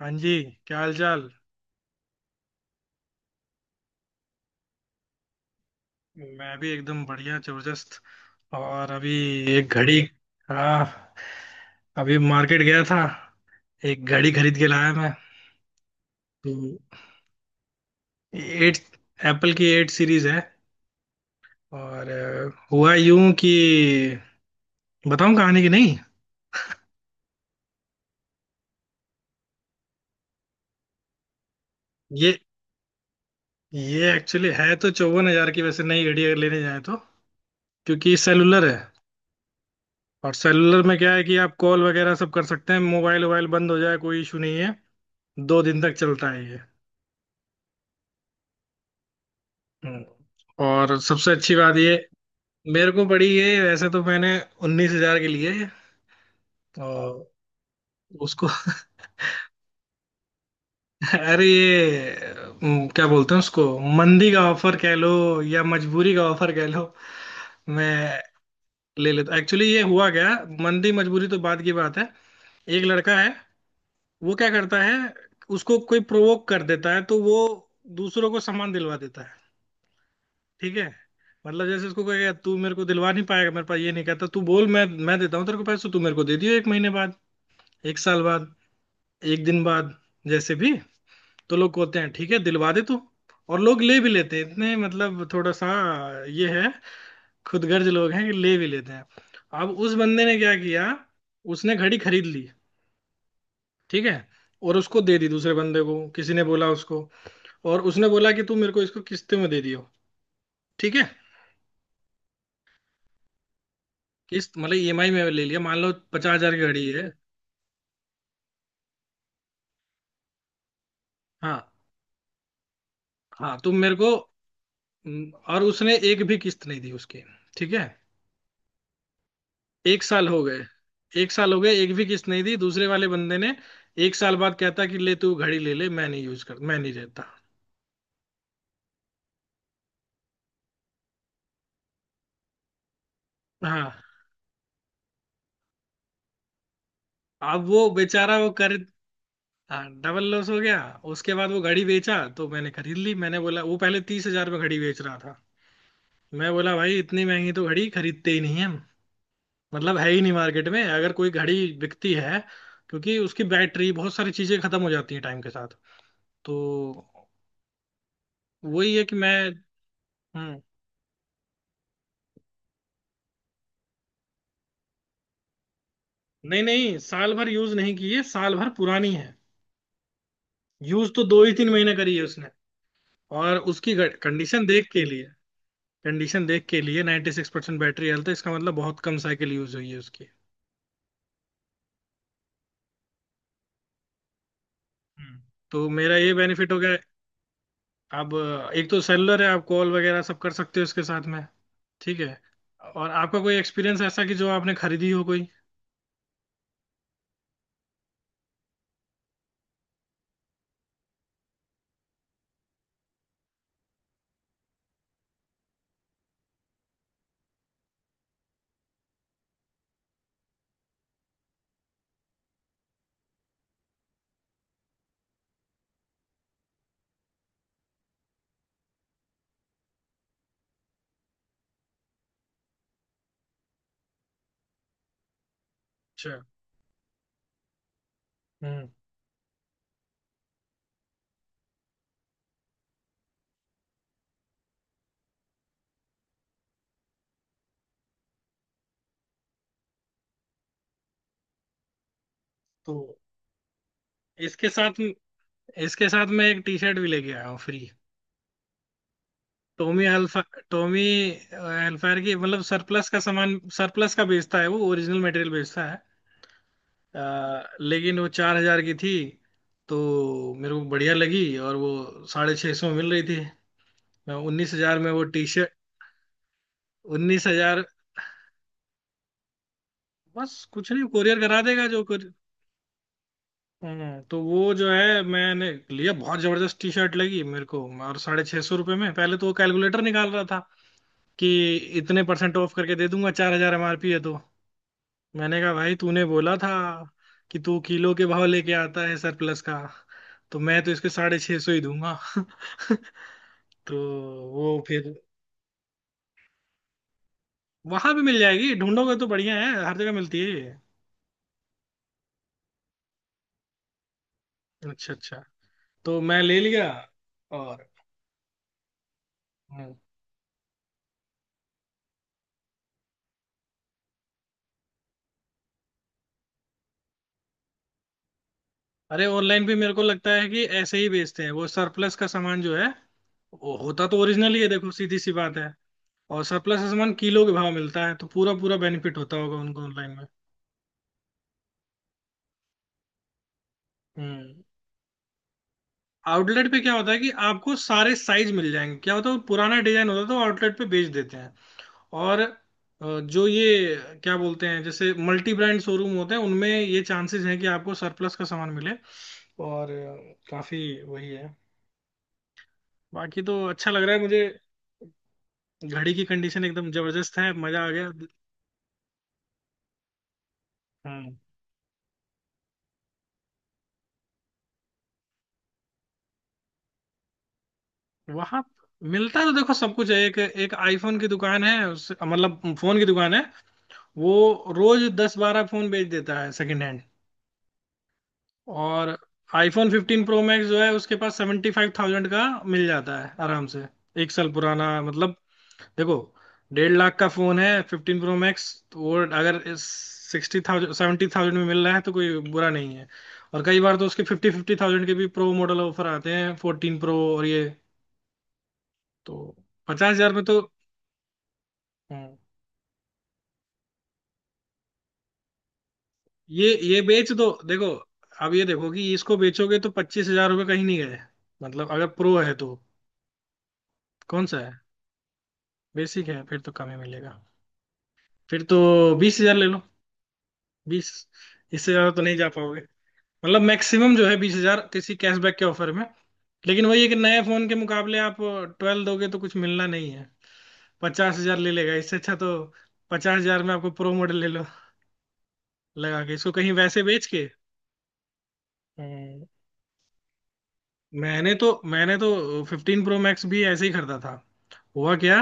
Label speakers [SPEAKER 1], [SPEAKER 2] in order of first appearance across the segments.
[SPEAKER 1] हाँ जी। क्या हाल चाल। मैं भी एकदम बढ़िया जबरदस्त। और अभी एक घड़ी। हाँ, अभी मार्केट गया था। एक घड़ी खरीद के लाया मैं। तो एट एप्पल की एट सीरीज है। और हुआ यूं कि, बताऊं कहानी की नहीं। ये ये एक्चुअली है तो 54,000 की, वैसे नई घड़ी अगर लेने जाए तो। क्योंकि सेलुलर है। और सेलुलर में क्या है कि आप कॉल वगैरह सब कर सकते हैं, मोबाइल वोबाइल बंद हो जाए कोई इशू नहीं है। दो दिन तक चलता है ये। हम्म। और सबसे अच्छी बात ये, मेरे को पड़ी ये, वैसे तो मैंने 19,000 के लिए। तो उसको अरे ये, क्या बोलते हैं उसको, मंदी का ऑफर कह लो या मजबूरी का ऑफर कह लो। मैं ले लेता एक्चुअली। ये हुआ क्या, मंदी मजबूरी तो बाद की बात है। एक लड़का है, वो क्या करता है, उसको कोई प्रोवोक कर देता है तो वो दूसरों को सामान दिलवा देता है। ठीक है। मतलब जैसे उसको कहेगा, तू मेरे को दिलवा नहीं पाएगा, मेरे पास ये नहीं, कहता तू बोल, मैं देता हूँ तेरे को पैसे, तो तू मेरे को दे दियो एक महीने बाद, एक साल बाद, एक दिन बाद, जैसे भी। तो लोग कहते हैं ठीक है दिलवा दे तू। और लोग ले भी लेते हैं, इतने मतलब थोड़ा सा ये है, खुदगर्ज लोग हैं कि ले भी लेते हैं। अब उस बंदे ने क्या किया, उसने घड़ी खरीद ली। ठीक है। और उसको दे दी दूसरे बंदे को, किसी ने बोला उसको। और उसने बोला कि तू मेरे को इसको किस्ते में दे दियो। ठीक है। किस्त मतलब ईएमआई में ले लिया, मान लो 50,000 की घड़ी है। हाँ हाँ, तो मेरे को। और उसने एक भी किस्त नहीं दी उसकी। ठीक है। एक साल हो गए। एक साल हो गए, एक भी किस्त नहीं दी दूसरे वाले बंदे ने। एक साल बाद कहता कि ले तू घड़ी ले ले, मैं नहीं यूज कर, मैं नहीं रहता। हाँ, अब वो बेचारा वो कर। हाँ, डबल लॉस हो गया। उसके बाद वो घड़ी बेचा तो मैंने खरीद ली। मैंने बोला, वो पहले 30,000 में घड़ी बेच रहा था। मैं बोला, भाई, इतनी महंगी तो घड़ी खरीदते ही नहीं है हम। मतलब है ही नहीं मार्केट में अगर कोई घड़ी बिकती है, क्योंकि उसकी बैटरी बहुत सारी चीजें खत्म हो जाती हैं टाइम के साथ। तो वही है कि मैं। हम्म। नहीं नहीं, साल भर यूज नहीं की है, साल भर पुरानी है। यूज तो दो ही तीन महीने करी है उसने। और उसकी कंडीशन देख के लिए, कंडीशन देख के लिए 96% बैटरी हेल्थ है, इसका मतलब बहुत कम साइकिल यूज हुई है उसकी। हम्म तो मेरा ये बेनिफिट हो गया। अब, एक तो सेलुलर है, आप कॉल वगैरह सब कर सकते हो इसके साथ में। ठीक है। और आपका कोई एक्सपीरियंस ऐसा कि जो आपने खरीदी हो कोई। अच्छा। हम्म तो इसके साथ, इसके साथ मैं एक टी शर्ट भी लेके आया हूँ फ्री। टोमी अल्फा, टोमी एल्फायर की। मतलब सरप्लस का सामान, सरप्लस का बेचता है वो, ओरिजिनल मटेरियल बेचता है। लेकिन वो 4,000 की थी। तो मेरे को बढ़िया लगी, और वो 650 में मिल रही थी। मैं 19,000 में वो टी शर्ट। 19,000। बस कुछ नहीं, कोरियर करा देगा जो कुछ। हम्म। तो वो जो है मैंने लिया, बहुत जबरदस्त टी शर्ट लगी मेरे को, और 650 रुपये में। पहले तो वो कैलकुलेटर निकाल रहा था कि इतने परसेंट ऑफ करके दे दूंगा, 4,000 एमआरपी है तो। मैंने कहा भाई, तूने बोला था कि तू किलो के भाव लेके आता है सरप्लस का, तो मैं तो इसके 650 ही दूंगा। तो वो फिर, वहां भी मिल जाएगी ढूंढोगे तो। बढ़िया है, हर जगह मिलती है ये। अच्छा अच्छा। तो मैं ले लिया। और हम्म। अरे, ऑनलाइन भी मेरे को लगता है कि ऐसे ही बेचते हैं वो सरप्लस का सामान जो है। वो होता तो ओरिजिनल ही है, देखो सीधी सी बात है। और सरप्लस का सामान किलो के भाव मिलता है तो पूरा पूरा बेनिफिट होता होगा उनको ऑनलाइन में। हम्म। आउटलेट पे क्या होता है कि आपको सारे साइज मिल जाएंगे, क्या होता है, पुराना डिजाइन होता है तो आउटलेट पे बेच देते हैं। और जो ये, क्या बोलते हैं, जैसे मल्टी ब्रांड शोरूम होते हैं, उनमें ये चांसेस हैं कि आपको सरप्लस का सामान मिले। और काफी वही है। बाकी तो अच्छा लग रहा है मुझे। घड़ी की कंडीशन एकदम जबरदस्त है, मजा आ गया। हम्म वहां मिलता तो देखो सब कुछ है। एक एक आईफोन की दुकान है, उस मतलब फोन की दुकान है वो। रोज 10-12 फोन बेच देता है सेकंड हैंड। और iPhone 15 प्रो मैक्स जो है उसके पास 75,000 का मिल जाता है आराम से। एक साल पुराना मतलब। देखो, 1,50,000 का फोन है 15 प्रो मैक्स। तो वो अगर 60,000, 70,000 में मिल रहा है तो कोई बुरा नहीं है। और कई बार तो उसके फिफ्टी फिफ्टी थाउजेंड के भी प्रो मॉडल ऑफर आते हैं, 14 प्रो और ये। तो 50,000 में तो। हम्म, ये बेच दो देखो। अब ये देखो कि इसको बेचोगे तो 25,000 रुपये कहीं नहीं गए। मतलब अगर प्रो है तो। कौन सा है। बेसिक है, फिर तो कम ही मिलेगा। फिर तो 20,000 ले लो। बीस, इससे ज्यादा तो नहीं जा पाओगे। मतलब मैक्सिमम जो है 20,000, किसी कैशबैक के ऑफर में। लेकिन वही है कि नए फोन के मुकाबले आप 12 दोगे तो कुछ मिलना नहीं है। 50,000 ले लेगा इससे अच्छा, तो 50,000 में आपको प्रो मॉडल ले लो, लगा के इसको कहीं वैसे बेच के। हम्म, मैंने तो 15 प्रो मैक्स भी ऐसे ही खरीदा था। हुआ क्या,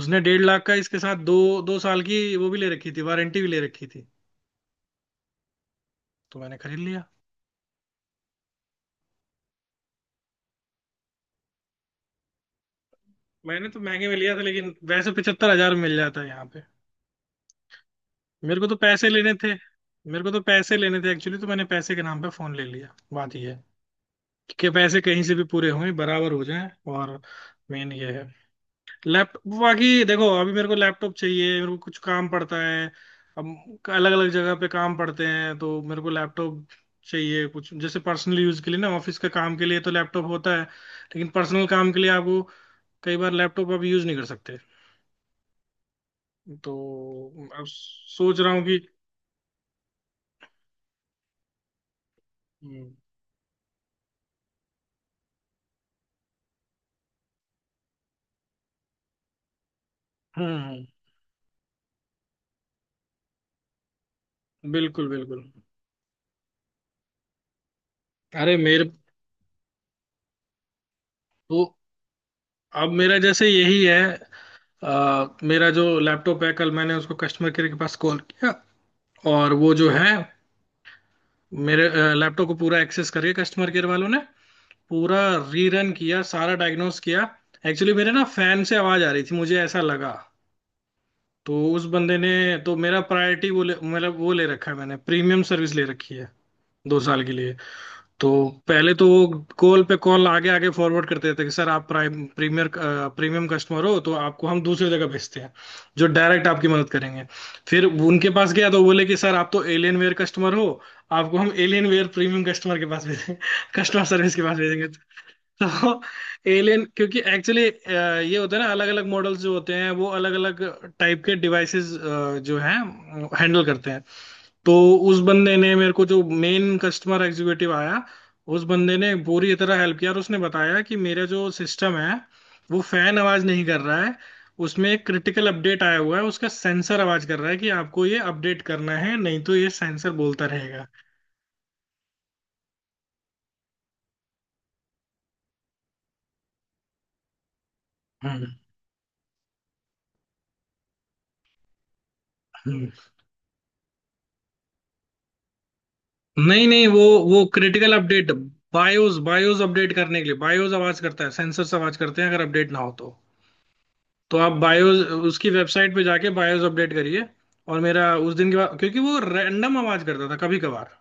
[SPEAKER 1] उसने 1,50,000 का, इसके साथ दो दो साल की वो भी ले रखी थी, वारंटी भी ले रखी थी। तो मैंने खरीद लिया। मैंने तो महंगे में लिया था, लेकिन वैसे 75,000 मिल जाता है यहाँ पे। मेरे को तो पैसे लेने थे। मेरे को तो पैसे लेने थे एक्चुअली, तो मैंने पैसे के नाम पे फोन ले लिया। बात ये है कि पैसे कहीं से भी पूरे हों, बराबर हो जाएं, और मेन ये है। लैपटॉप, बाकी देखो अभी मेरे को लैपटॉप चाहिए, मेरे को कुछ काम पड़ता है। अब अलग अलग जगह पे काम पड़ते हैं तो मेरे को लैपटॉप चाहिए, कुछ जैसे पर्सनल यूज के लिए ना, ऑफिस के काम के लिए तो लैपटॉप होता है, लेकिन पर्सनल काम के लिए आपको कई बार लैपटॉप आप यूज नहीं कर सकते। तो अब सोच रहा हूँ कि हम्म हम्म, बिल्कुल बिल्कुल। अरे मेरे तो, अब मेरा जैसे यही है। आ, मेरा जो लैपटॉप है, कल मैंने उसको कस्टमर केयर के पास कॉल किया। और वो जो है, मेरे लैपटॉप को पूरा एक्सेस करके कस्टमर केयर वालों ने पूरा रीरन किया, सारा डायग्नोस किया। एक्चुअली मेरे ना फैन से आवाज आ रही थी, मुझे ऐसा लगा। तो उस बंदे ने, तो मेरा प्रायोरिटी वो मतलब वो ले रखा है, मैंने प्रीमियम सर्विस ले रखी है दो साल के लिए। तो पहले तो वो कॉल पे कॉल आगे आगे फॉरवर्ड करते थे कि सर आप प्राइम प्रीमियर प्रीमियम कस्टमर हो तो आपको हम दूसरी जगह भेजते हैं, जो डायरेक्ट आपकी मदद करेंगे। फिर उनके पास गया तो बोले कि सर आप तो एलियन वेयर कस्टमर हो, आपको हम एलियन वेयर प्रीमियम कस्टमर के पास भेजेंगे, कस्टमर सर्विस के पास भेजेंगे। तो एलियन, क्योंकि एक्चुअली ये होता है ना, अलग अलग मॉडल्स जो होते हैं वो अलग अलग टाइप के डिवाइसेस जो हैं हैंडल करते हैं। तो उस बंदे ने मेरे को, जो मेन कस्टमर एग्जीक्यूटिव आया उस बंदे ने पूरी तरह हेल्प किया, और उसने बताया कि मेरा जो सिस्टम है वो फैन आवाज नहीं कर रहा है, उसमें एक क्रिटिकल अपडेट आया हुआ है, उसका सेंसर आवाज कर रहा है कि आपको ये अपडेट करना है नहीं तो ये सेंसर बोलता रहेगा। हम्म हम्म। नहीं नहीं, वो critical update, BIOS BIOS update करने के लिए बायोस आवाज करता है, सेंसर आवाज करते हैं अगर अपडेट ना हो तो। तो आप बायोस, उसकी वेबसाइट पे जाके बायोस अपडेट करिए। और मेरा उस दिन के बाद, क्योंकि वो रैंडम आवाज करता था कभी कभार,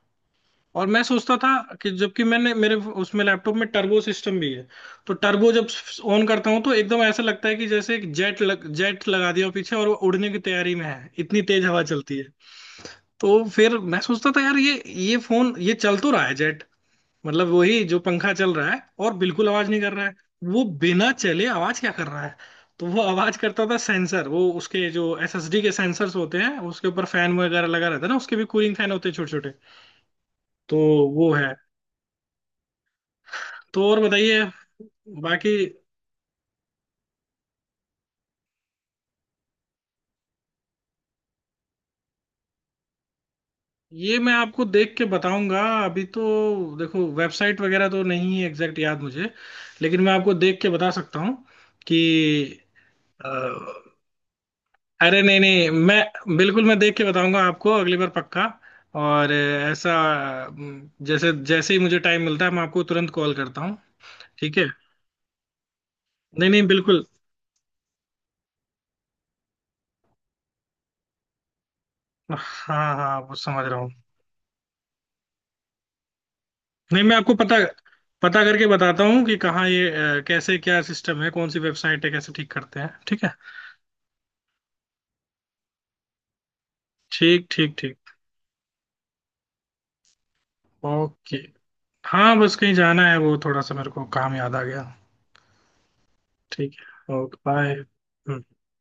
[SPEAKER 1] और मैं सोचता था, कि जबकि मैंने मेरे, उसमें लैपटॉप में टर्बो सिस्टम भी है, तो टर्बो जब ऑन करता हूँ तो एकदम ऐसा लगता है कि जैसे एक जेट लगा दिया हो पीछे और वो उड़ने की तैयारी में है, इतनी तेज हवा चलती है। तो फिर मैं सोचता था, यार, ये फोन ये चल तो रहा है जेट, मतलब वही जो पंखा चल रहा है, और बिल्कुल आवाज नहीं कर रहा है। वो बिना चले आवाज क्या कर रहा है। तो वो आवाज करता था सेंसर, वो उसके जो एसएसडी के सेंसर्स होते हैं उसके ऊपर फैन वगैरह लगा रहता है ना, उसके भी कूलिंग फैन होते हैं छोटे छोटे। तो वो है। तो और बताइए, बाकी। ये मैं आपको देख के बताऊंगा। अभी तो देखो वेबसाइट वगैरह तो नहीं है एग्जैक्ट याद मुझे, लेकिन मैं आपको देख के बता सकता हूँ कि। अरे नहीं नहीं, मैं बिल्कुल, मैं देख के बताऊंगा आपको अगली बार, पक्का। और ऐसा, जैसे जैसे ही मुझे टाइम मिलता है मैं आपको तुरंत कॉल करता हूँ। ठीक है। नहीं नहीं, बिल्कुल। हाँ हाँ, वो समझ रहा हूँ। नहीं मैं आपको पता पता करके बताता हूँ कि कहाँ ये, कैसे, क्या सिस्टम है, कौन सी वेबसाइट है, कैसे ठीक करते हैं, ठीक है। ठीक ठीक ठीक। ओके। हाँ बस कहीं जाना है, वो थोड़ा सा मेरे को काम याद आ गया। ठीक है, ओके बाय।